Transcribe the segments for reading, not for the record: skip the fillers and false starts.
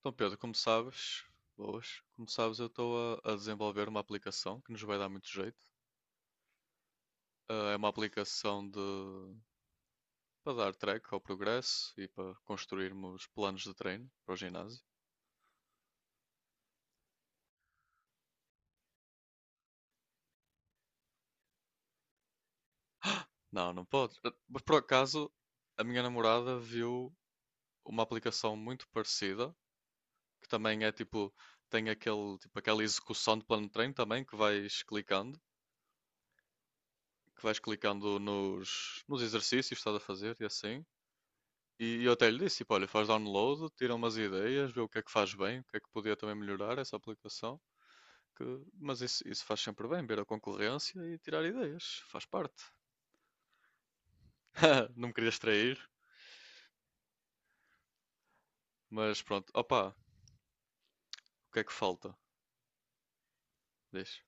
Então, Pedro, como sabes, boas, como sabes, eu estou a desenvolver uma aplicação que nos vai dar muito jeito. É uma aplicação de para dar track ao progresso e para construirmos planos de treino para o ginásio. Não, não pode. Mas por acaso, a minha namorada viu uma aplicação muito parecida, que também é tipo, tem aquele, tipo, aquela execução de plano de treino também, que vais clicando nos exercícios que estás a fazer e assim. E eu até lhe disse, tipo, olha, faz download, tira umas ideias, vê o que é que faz bem, o que é que podia também melhorar essa aplicação. que- Mas isso faz sempre bem, ver a concorrência e tirar ideias, faz parte. Não me queria extrair, mas pronto. Opa, o que é que falta? Diz.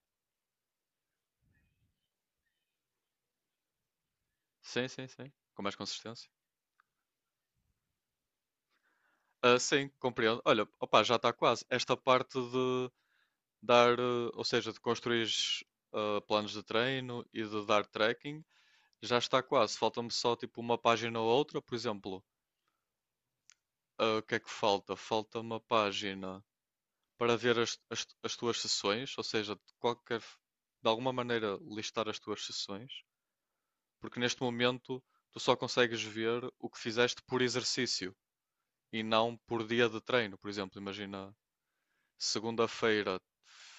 Sim, sim, sim. Com mais consistência. Ah, sim, compreendo. Olha, opa, já está quase. Esta parte de dar, ou seja, de construir planos de treino e de dar tracking, já está quase. Falta-me só tipo uma página ou outra, por exemplo. Ah, o que é que falta? Falta uma página para ver as tuas sessões, ou seja, de qualquer, de alguma maneira listar as tuas sessões, porque neste momento tu só consegues ver o que fizeste por exercício e não por dia de treino. Por exemplo, imagina segunda-feira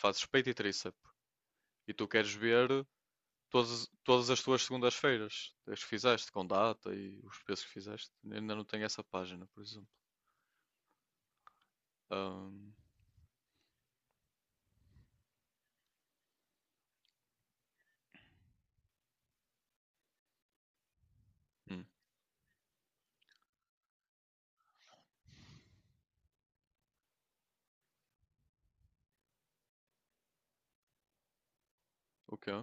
fazes peito e tríceps e tu queres ver todas as tuas segundas-feiras, as que fizeste, com data e os pesos que fizeste. Ainda não tenho essa página, por exemplo. Ahm, hum, o quê?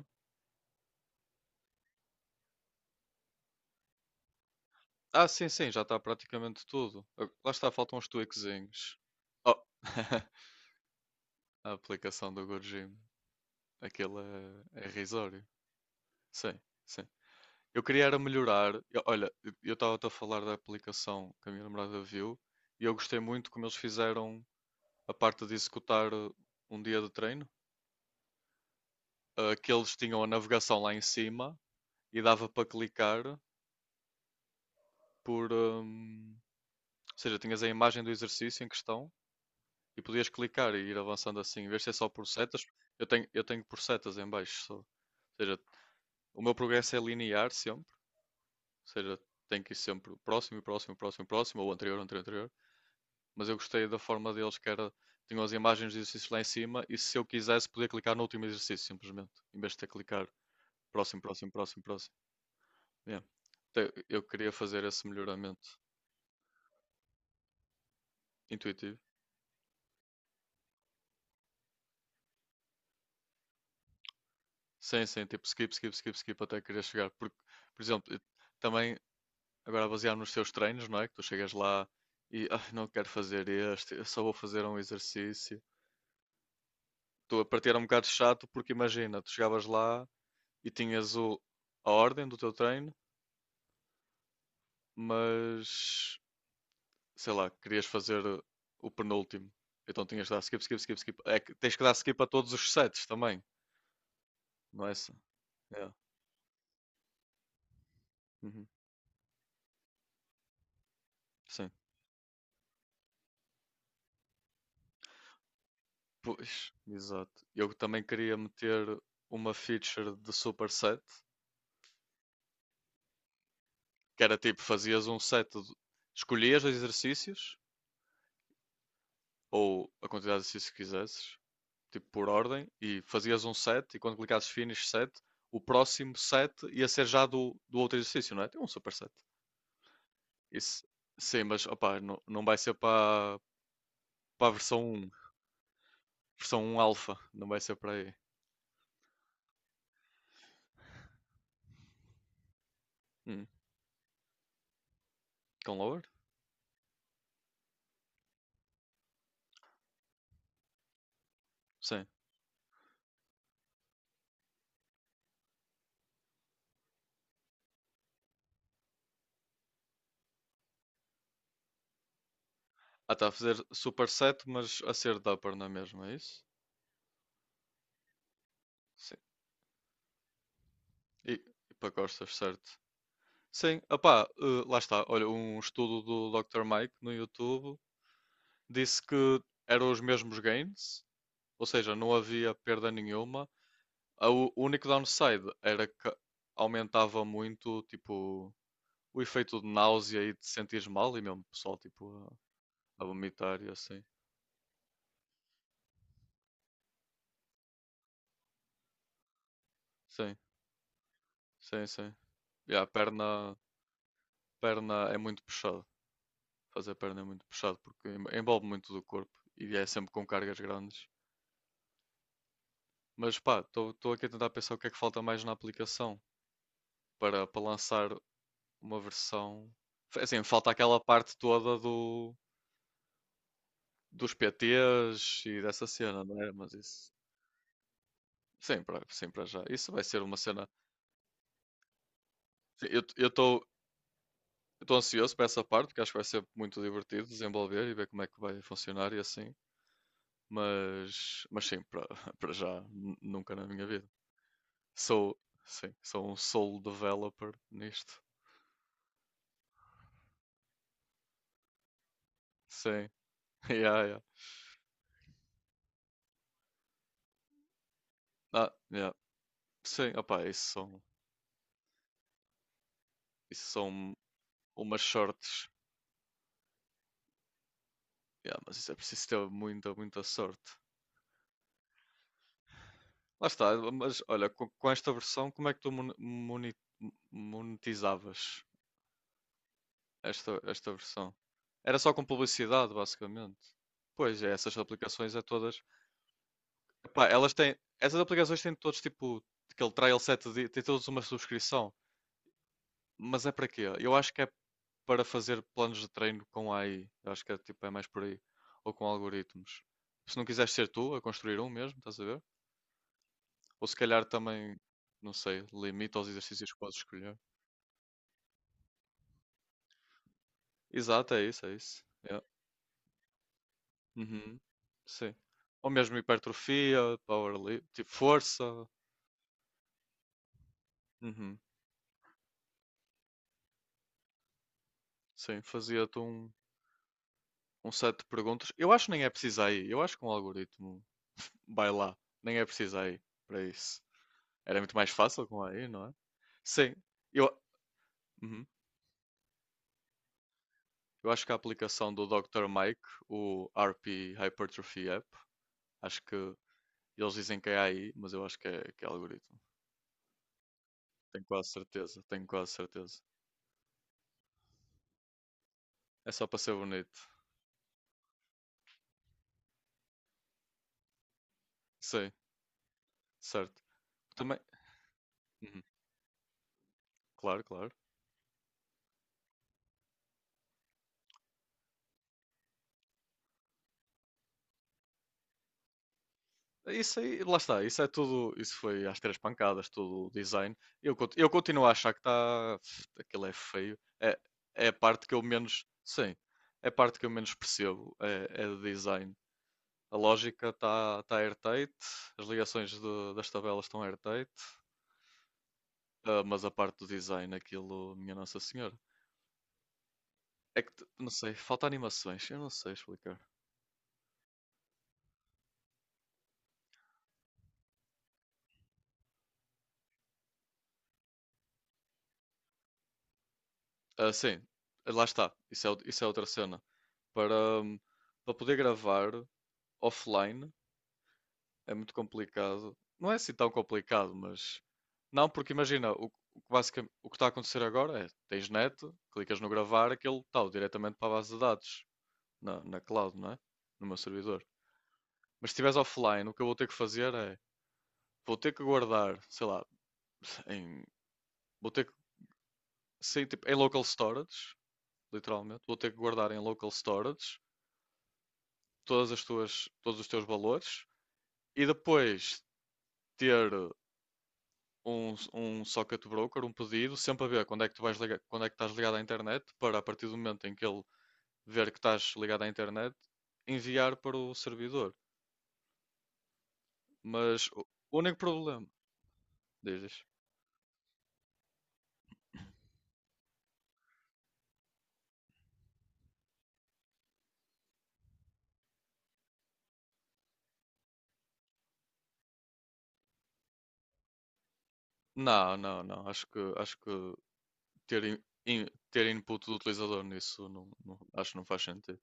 Ah, sim, sim, já está praticamente tudo. Ah, lá está, faltam uns tweakzinhos. Oh, a aplicação do GoGym. Aquilo é, é irrisório. Sim, sim. Eu queria era melhorar. Olha, eu estava a falar da aplicação que a minha namorada viu e eu gostei muito como eles fizeram a parte de executar um dia de treino. Ah, que eles tinham a navegação lá em cima e dava para clicar por. Ou seja, tinhas a imagem do exercício em questão. E podias clicar e ir avançando assim, em vez de ser só por setas, eu tenho por setas em baixo só. Ou seja, o meu progresso é linear sempre, ou seja, tem que ir sempre próximo, próximo, próximo, próximo, ou anterior, anterior, anterior. Mas eu gostei da forma deles que era, tinham as imagens de exercícios lá em cima e se eu quisesse podia clicar no último exercício simplesmente, em vez de ter que clicar próximo, próximo, próximo, próximo. Yeah. Então, eu queria fazer esse melhoramento intuitivo, sem, sem tipo skip, skip, skip, skip até querer chegar. Porque, por exemplo, também agora baseado nos teus treinos, não é? Que tu chegas lá e "Ah, não quero fazer este, eu só vou fazer um exercício." Tu a partir era um bocado chato porque imagina, tu chegavas lá e tinhas o, a ordem do teu treino, mas sei lá, querias fazer o penúltimo. Então tinhas de dar skip, skip, skip, skip. É que tens que dar skip a todos os sets também, não é isso? É. Uhum. Sim. Pois, exato. Eu também queria meter uma feature de superset. Que era tipo, fazias um set, escolhias os exercícios, ou a quantidade de exercícios que quisesses, tipo por ordem, e fazias um set, e quando clicasses finish set, o próximo set ia ser já do outro exercício, não é? Tem um super set. Isso, sim, mas opá, não, não vai ser para para a versão um alfa, não vai ser para aí. Hum, com lower? Sim. Ah, está a fazer super set, mas a ser de upper, não é mesmo? É isso? Sim. E, e para costas, certo. Sim, opá, lá está. Olha, um estudo do Dr. Mike no YouTube disse que eram os mesmos gains, ou seja, não havia perda nenhuma. O único downside era que aumentava muito, tipo, o efeito de náusea e de sentir mal, e mesmo pessoal, tipo, a vomitar e assim. Sim, sim, sim. E a perna, perna é muito puxado. Fazer perna é muito puxado porque envolve muito do corpo e é sempre com cargas grandes. Mas pá, estou aqui a tentar pensar o que é que falta mais na aplicação para, para lançar uma versão. Assim, falta aquela parte toda do, dos PTs e dessa cena, não é? Mas isso, sim, para, sim, para já. Isso vai ser uma cena. Sim, eu estou ansioso para essa parte, porque acho que vai ser muito divertido desenvolver e ver como é que vai funcionar e assim. Mas sim, para, para já, nunca na minha vida. Sou, sim, sou um solo developer nisto. Sim, yeah, yeah. Ah, yeah. Sim, opá, isso são umas sortes. Yeah, mas isso é preciso ter muita, muita sorte. Lá está, mas olha, com esta versão, como é que tu monetizavas esta versão? Era só com publicidade, basicamente. Pois é, essas aplicações é todas. Epá, elas têm. Essas aplicações têm todos tipo aquele trial set de, têm todos uma subscrição. Mas é para quê? Eu acho que é para fazer planos de treino com AI. Eu acho que é, tipo, é mais por aí. Ou com algoritmos. Se não quiseres ser tu a construir um mesmo, estás a ver? Ou se calhar também, não sei, limita os exercícios que podes escolher. Exato, é isso, é isso. Yeah. Uhum. Sim. Ou mesmo hipertrofia, powerlifting, tipo força. Uhum. Sim, fazia-te um, um set de perguntas. Eu acho que nem é preciso aí. Eu acho que um algoritmo vai lá. Nem é preciso aí para isso. Era muito mais fácil com aí, não é? Sim. Eu... Uhum. Eu acho que a aplicação do Dr. Mike, o RP Hypertrophy App, acho que eles dizem que é AI, mas eu acho que é algoritmo. Tenho quase certeza, tenho quase certeza. É só para ser bonito. Sim, certo. Também. Uhum, claro, claro. Isso aí, lá está, isso é tudo, isso foi às três pancadas, tudo o design. Eu continuo a achar que está, aquilo é feio. É, é a parte que eu menos, sim, é a parte que eu menos percebo, é, é de design. A lógica está tá airtight, as ligações das tabelas estão airtight, ah, mas a parte do design, aquilo, minha Nossa Senhora. É que, não sei, falta animações, eu não sei explicar. Ah, sim, lá está, isso é, isso é outra cena. Para, para poder gravar offline é muito complicado. Não é assim tão complicado, mas. Não, porque imagina, o que o que está a acontecer agora é: tens net, clicas no gravar, aquilo está diretamente para a base de dados. Na cloud, não é? No meu servidor. Mas se estiveres offline, o que eu vou ter que fazer é. Vou ter que guardar, sei lá, em. Vou ter que. Sei, tipo, em local storage, literalmente. Vou ter que guardar em local storage todos os teus valores e depois ter um, um socket broker, um pedido, sempre a ver quando é que tu vais ligar, quando é que estás ligado à internet, para a partir do momento em que ele ver que estás ligado à internet, enviar para o servidor. Mas o único problema, diz, diz. Não, não, não. Acho que ter, in- ter input do utilizador nisso acho que não faz sentido.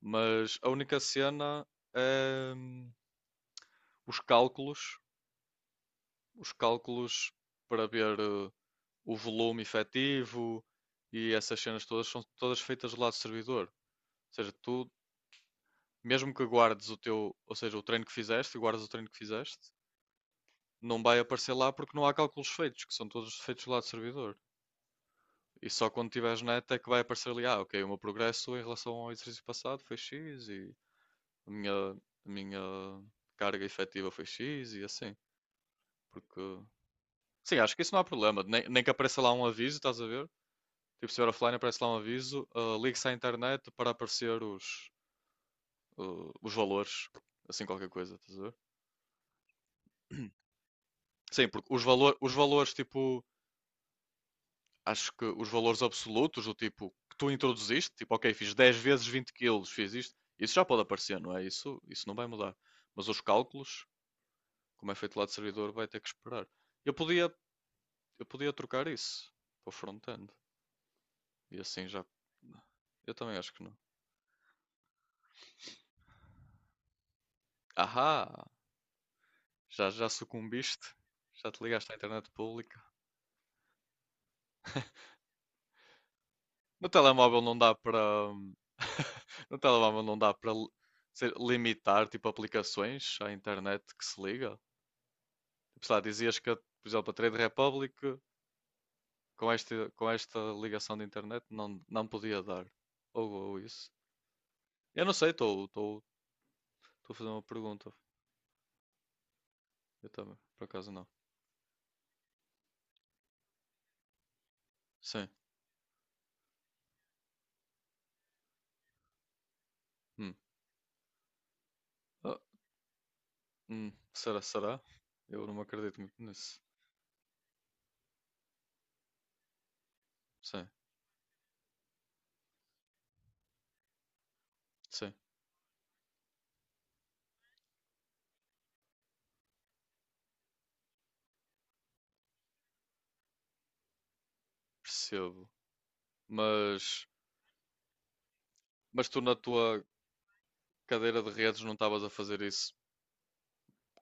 Mas a única cena é os cálculos, os cálculos para ver o volume efetivo e essas cenas todas são todas feitas do lado do servidor. Ou seja, tu, mesmo que guardes o teu, ou seja, o treino que fizeste e guardes o treino que fizeste, não vai aparecer lá porque não há cálculos feitos, que são todos feitos do lado do servidor. E só quando tiveres net é que vai aparecer ali, ah, ok, o meu progresso em relação ao exercício passado foi X e a minha carga efetiva foi X e assim. Porque. Sim, acho que isso não há problema. Nem, nem que apareça lá um aviso, estás a ver? Tipo, se vier offline aparece lá um aviso, ah, ligue-se à internet para aparecer os, ah, os valores, assim qualquer coisa, estás a ver? Sim, porque os, valor, os valores tipo acho que os valores absolutos, do tipo que tu introduziste, tipo, ok, fiz 10 vezes 20 quilos, fiz isto, isso já pode aparecer, não é? Isso não vai mudar. Mas os cálculos, como é feito lá de servidor, vai ter que esperar. Eu podia, eu podia trocar isso para o front-end. E assim já. Eu também acho que não. Ahá! Já, já sucumbiste? Já te ligaste à internet pública? No telemóvel não dá para. No telemóvel não dá para sei, limitar tipo aplicações à internet que se liga? Sei lá, dizias que, por exemplo, a Trade Republic com esta ligação de internet não, não podia dar. Ou isso. Eu não sei, estou a fazer uma pergunta. Eu também, por acaso não. Sim. Hum. Ah. Será, será? Eu não acredito muito nisso. Sim, sim, percebo. Mas, mas tu na tua cadeira de redes não estavas a fazer isso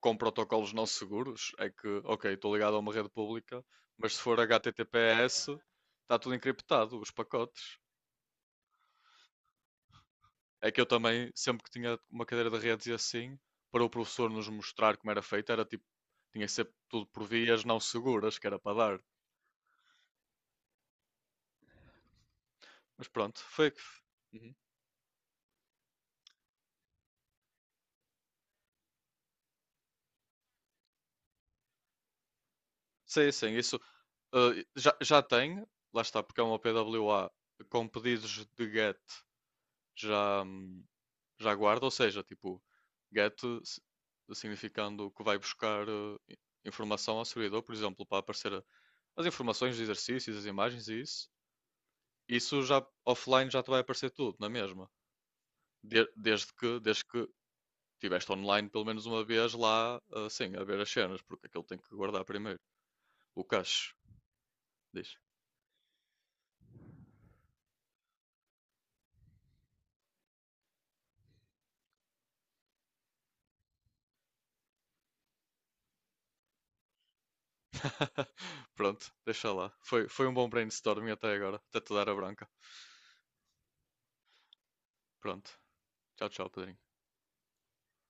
com protocolos não seguros, é que, ok, estou ligado a uma rede pública, mas se for HTTPS, está tudo encriptado, os pacotes. É que eu também, sempre que tinha uma cadeira de redes e assim, para o professor nos mostrar como era feito, era tipo, tinha sempre tudo por vias não seguras, que era para dar. Mas pronto, foi que. Uhum. Sim, sim, isso já, já tem, lá está, porque é uma PWA com pedidos de GET já, já guarda, ou seja, tipo, get s- significando que vai buscar informação ao servidor, por exemplo, para aparecer as informações dos exercícios, as imagens e isso. Isso já offline já te vai aparecer tudo, na mesma. Desde que, desde que tiveste online pelo menos uma vez lá, assim, a ver as cenas, porque aquilo tem que guardar primeiro. O cache, diz. Pronto, deixa lá. Foi, foi um bom brainstorming até agora, até te dar a branca. Pronto. Tchau, tchau, Pedrinho.